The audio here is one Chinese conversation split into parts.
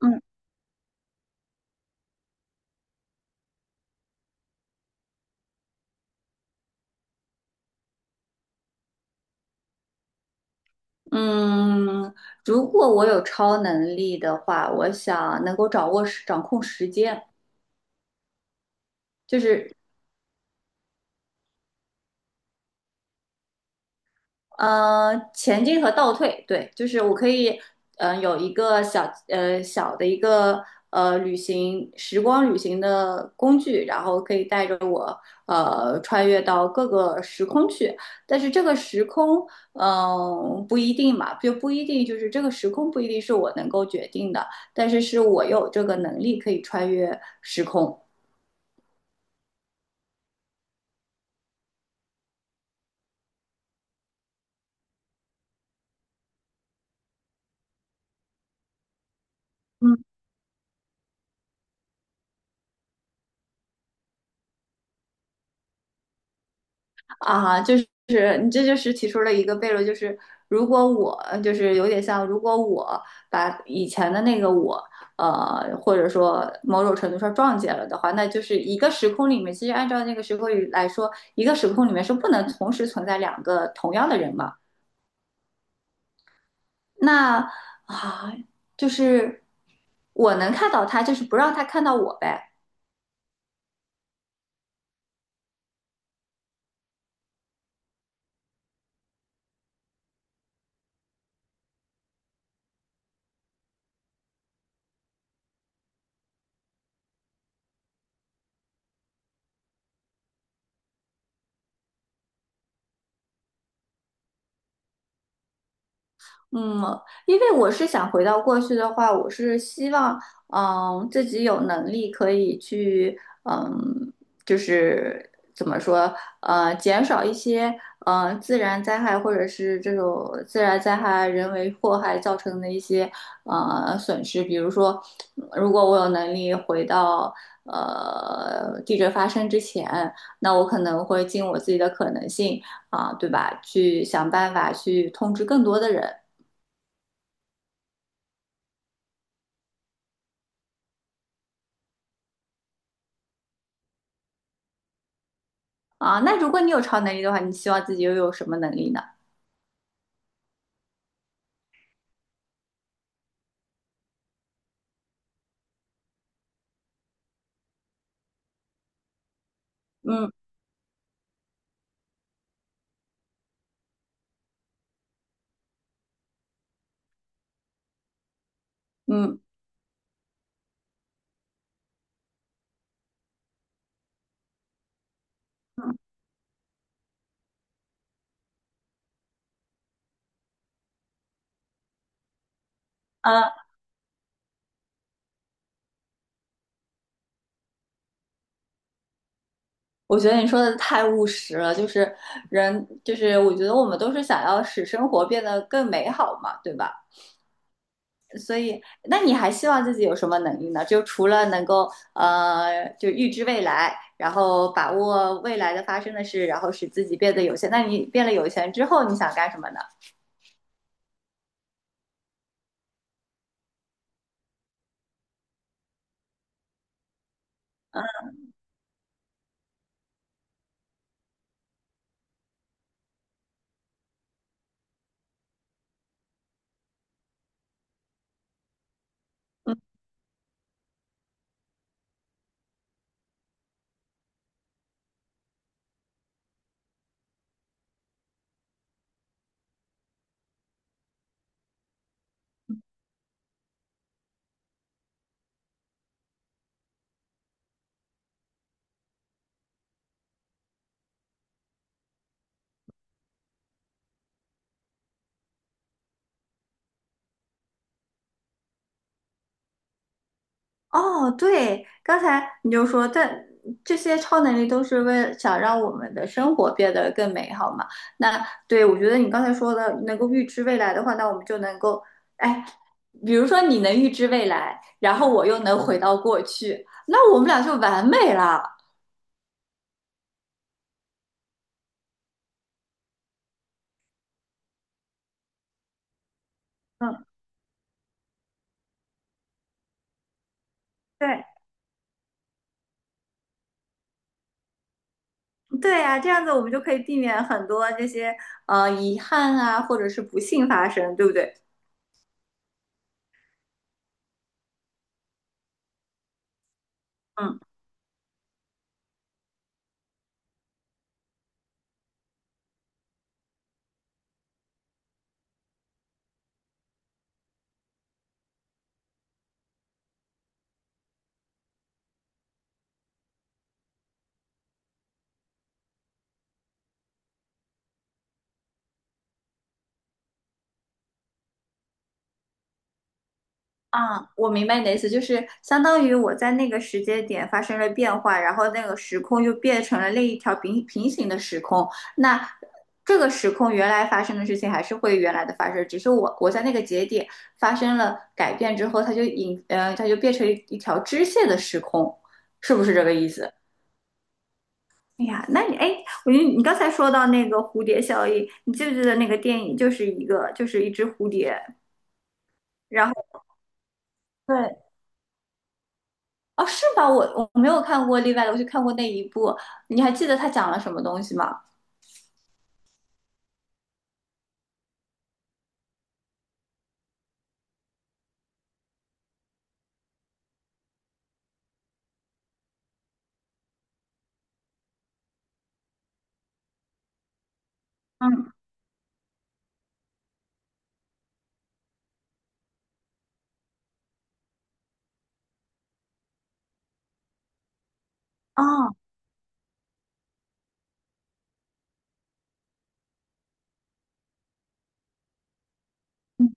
嗯嗯，如果我有超能力的话，我想能够掌控时间，就是前进和倒退，对，就是我可以，有一个小的一个呃旅行时光旅行的工具，然后可以带着我穿越到各个时空去。但是这个时空，不一定嘛，就不一定就是这个时空不一定是我能够决定的，但是是我有这个能力可以穿越时空。嗯。啊，就是你这就是提出了一个悖论，就是如果我就是有点像，如果我把以前的那个我，或者说某种程度上撞见了的话，那就是一个时空里面，其实按照那个时空里来说，一个时空里面是不能同时存在两个同样的人嘛。那啊，就是我能看到他，就是不让他看到我呗。嗯，因为我是想回到过去的话，我是希望，嗯，自己有能力可以去，嗯，就是怎么说，减少一些，自然灾害或者是这种自然灾害、人为祸害造成的一些，损失。比如说，如果我有能力回到，地震发生之前，那我可能会尽我自己的可能性。啊，对吧？去想办法去通知更多的人。啊，那如果你有超能力的话，你希望自己又有什么能力呢？嗯嗯。啊，我觉得你说的太务实了，就是人，就是我觉得我们都是想要使生活变得更美好嘛，对吧？所以，那你还希望自己有什么能力呢？就除了能够就预知未来，然后把握未来的发生的事，然后使自己变得有钱。那你变了有钱之后，你想干什么呢？哦，对，刚才你就说，但这些超能力都是为了想让我们的生活变得更美好嘛。那对，我觉得你刚才说的，能够预知未来的话，那我们就能够，哎，比如说你能预知未来，然后我又能回到过去，那我们俩就完美了。嗯，对，对呀，这样子我们就可以避免很多这些遗憾啊，或者是不幸发生，对不对？嗯。啊，我明白你的意思，就是相当于我在那个时间点发生了变化，然后那个时空又变成了另一条平行的时空。那这个时空原来发生的事情还是会原来的发生，只是我在那个节点发生了改变之后，它就变成一条支线的时空，是不是这个意思？哎呀，那你哎，我觉得你刚才说到那个蝴蝶效应，你记不记得那个电影就是一个就是一只蝴蝶，然后对。哦，是吧？我没有看过例外的，我就看过那一部。你还记得他讲了什么东西吗？嗯。哦。嗯,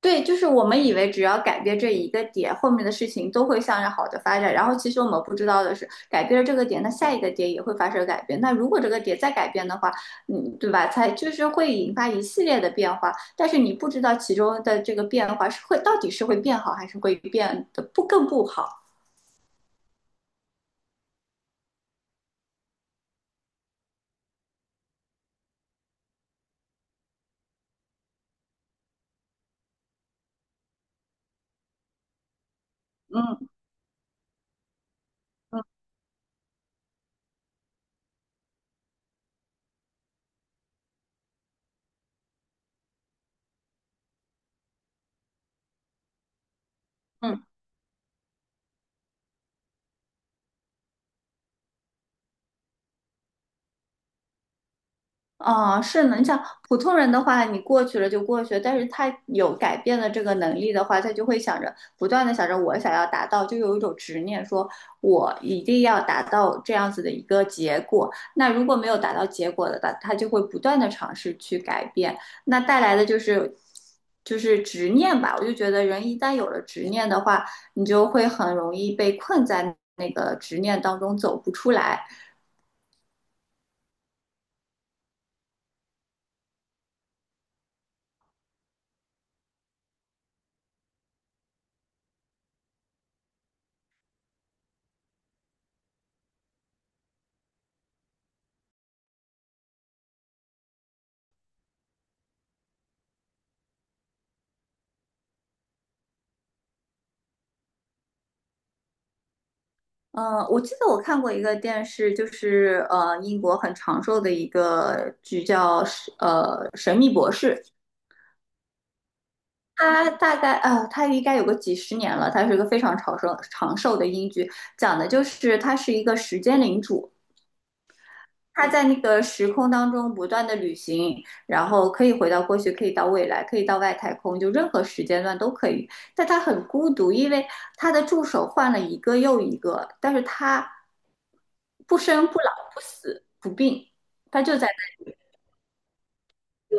对，就是我们以为只要改变这一个点，后面的事情都会向着好的发展。然后其实我们不知道的是，改变了这个点，那下一个点也会发生改变。那如果这个点再改变的话，嗯，对吧？才就是会引发一系列的变化。但是你不知道其中的这个变化是会到底是会变好，还是会变得不更不好。嗯嗯嗯。哦，是你想普通人的话，你过去了就过去了，但是他有改变的这个能力的话，他就会想着不断的想着我想要达到，就有一种执念，说我一定要达到这样子的一个结果。那如果没有达到结果的，他就会不断的尝试去改变，那带来的就是就是执念吧。我就觉得人一旦有了执念的话，你就会很容易被困在那个执念当中走不出来。我记得我看过一个电视，就是英国很长寿的一个剧叫《神秘博士》，它大概它应该有个几十年了，它是一个非常长寿的英剧，讲的就是他是一个时间领主，他在那个时空当中不断的旅行，然后可以回到过去，可以到未来，可以到外太空，就任何时间段都可以。但他很孤独，因为他的助手换了一个又一个，但是他不生不老不死不病，他就在那对，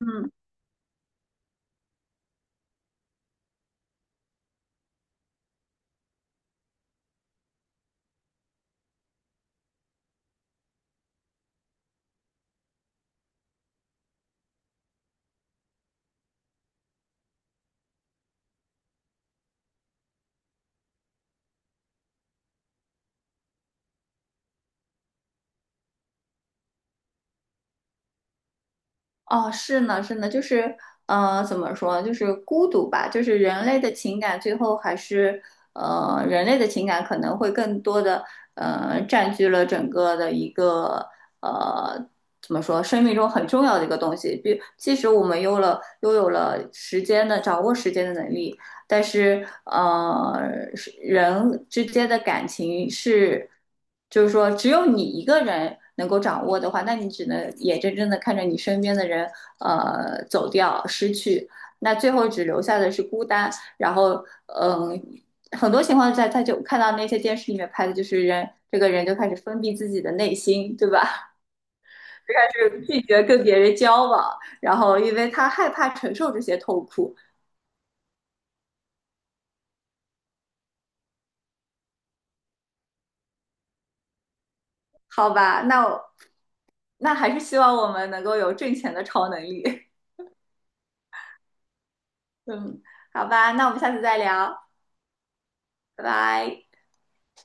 嗯。哦，是呢，是呢，就是，怎么说呢，就是孤独吧，就是人类的情感，最后还是，人类的情感可能会更多的，占据了整个的一个，呃，怎么说，生命中很重要的一个东西。比，即使我们有了，拥有了时间的掌握时间的能力，但是是人之间的感情是，就是说只有你一个人能够掌握的话，那你只能眼睁睁的看着你身边的人走掉、失去，那最后只留下的是孤单。然后很多情况在，他就看到那些电视里面拍的，就是人这个人就开始封闭自己的内心，对吧？就开始拒绝跟别人交往，然后因为他害怕承受这些痛苦。好吧，那我那还是希望我们能够有挣钱的超能力。嗯，好吧，那我们下次再聊，拜拜。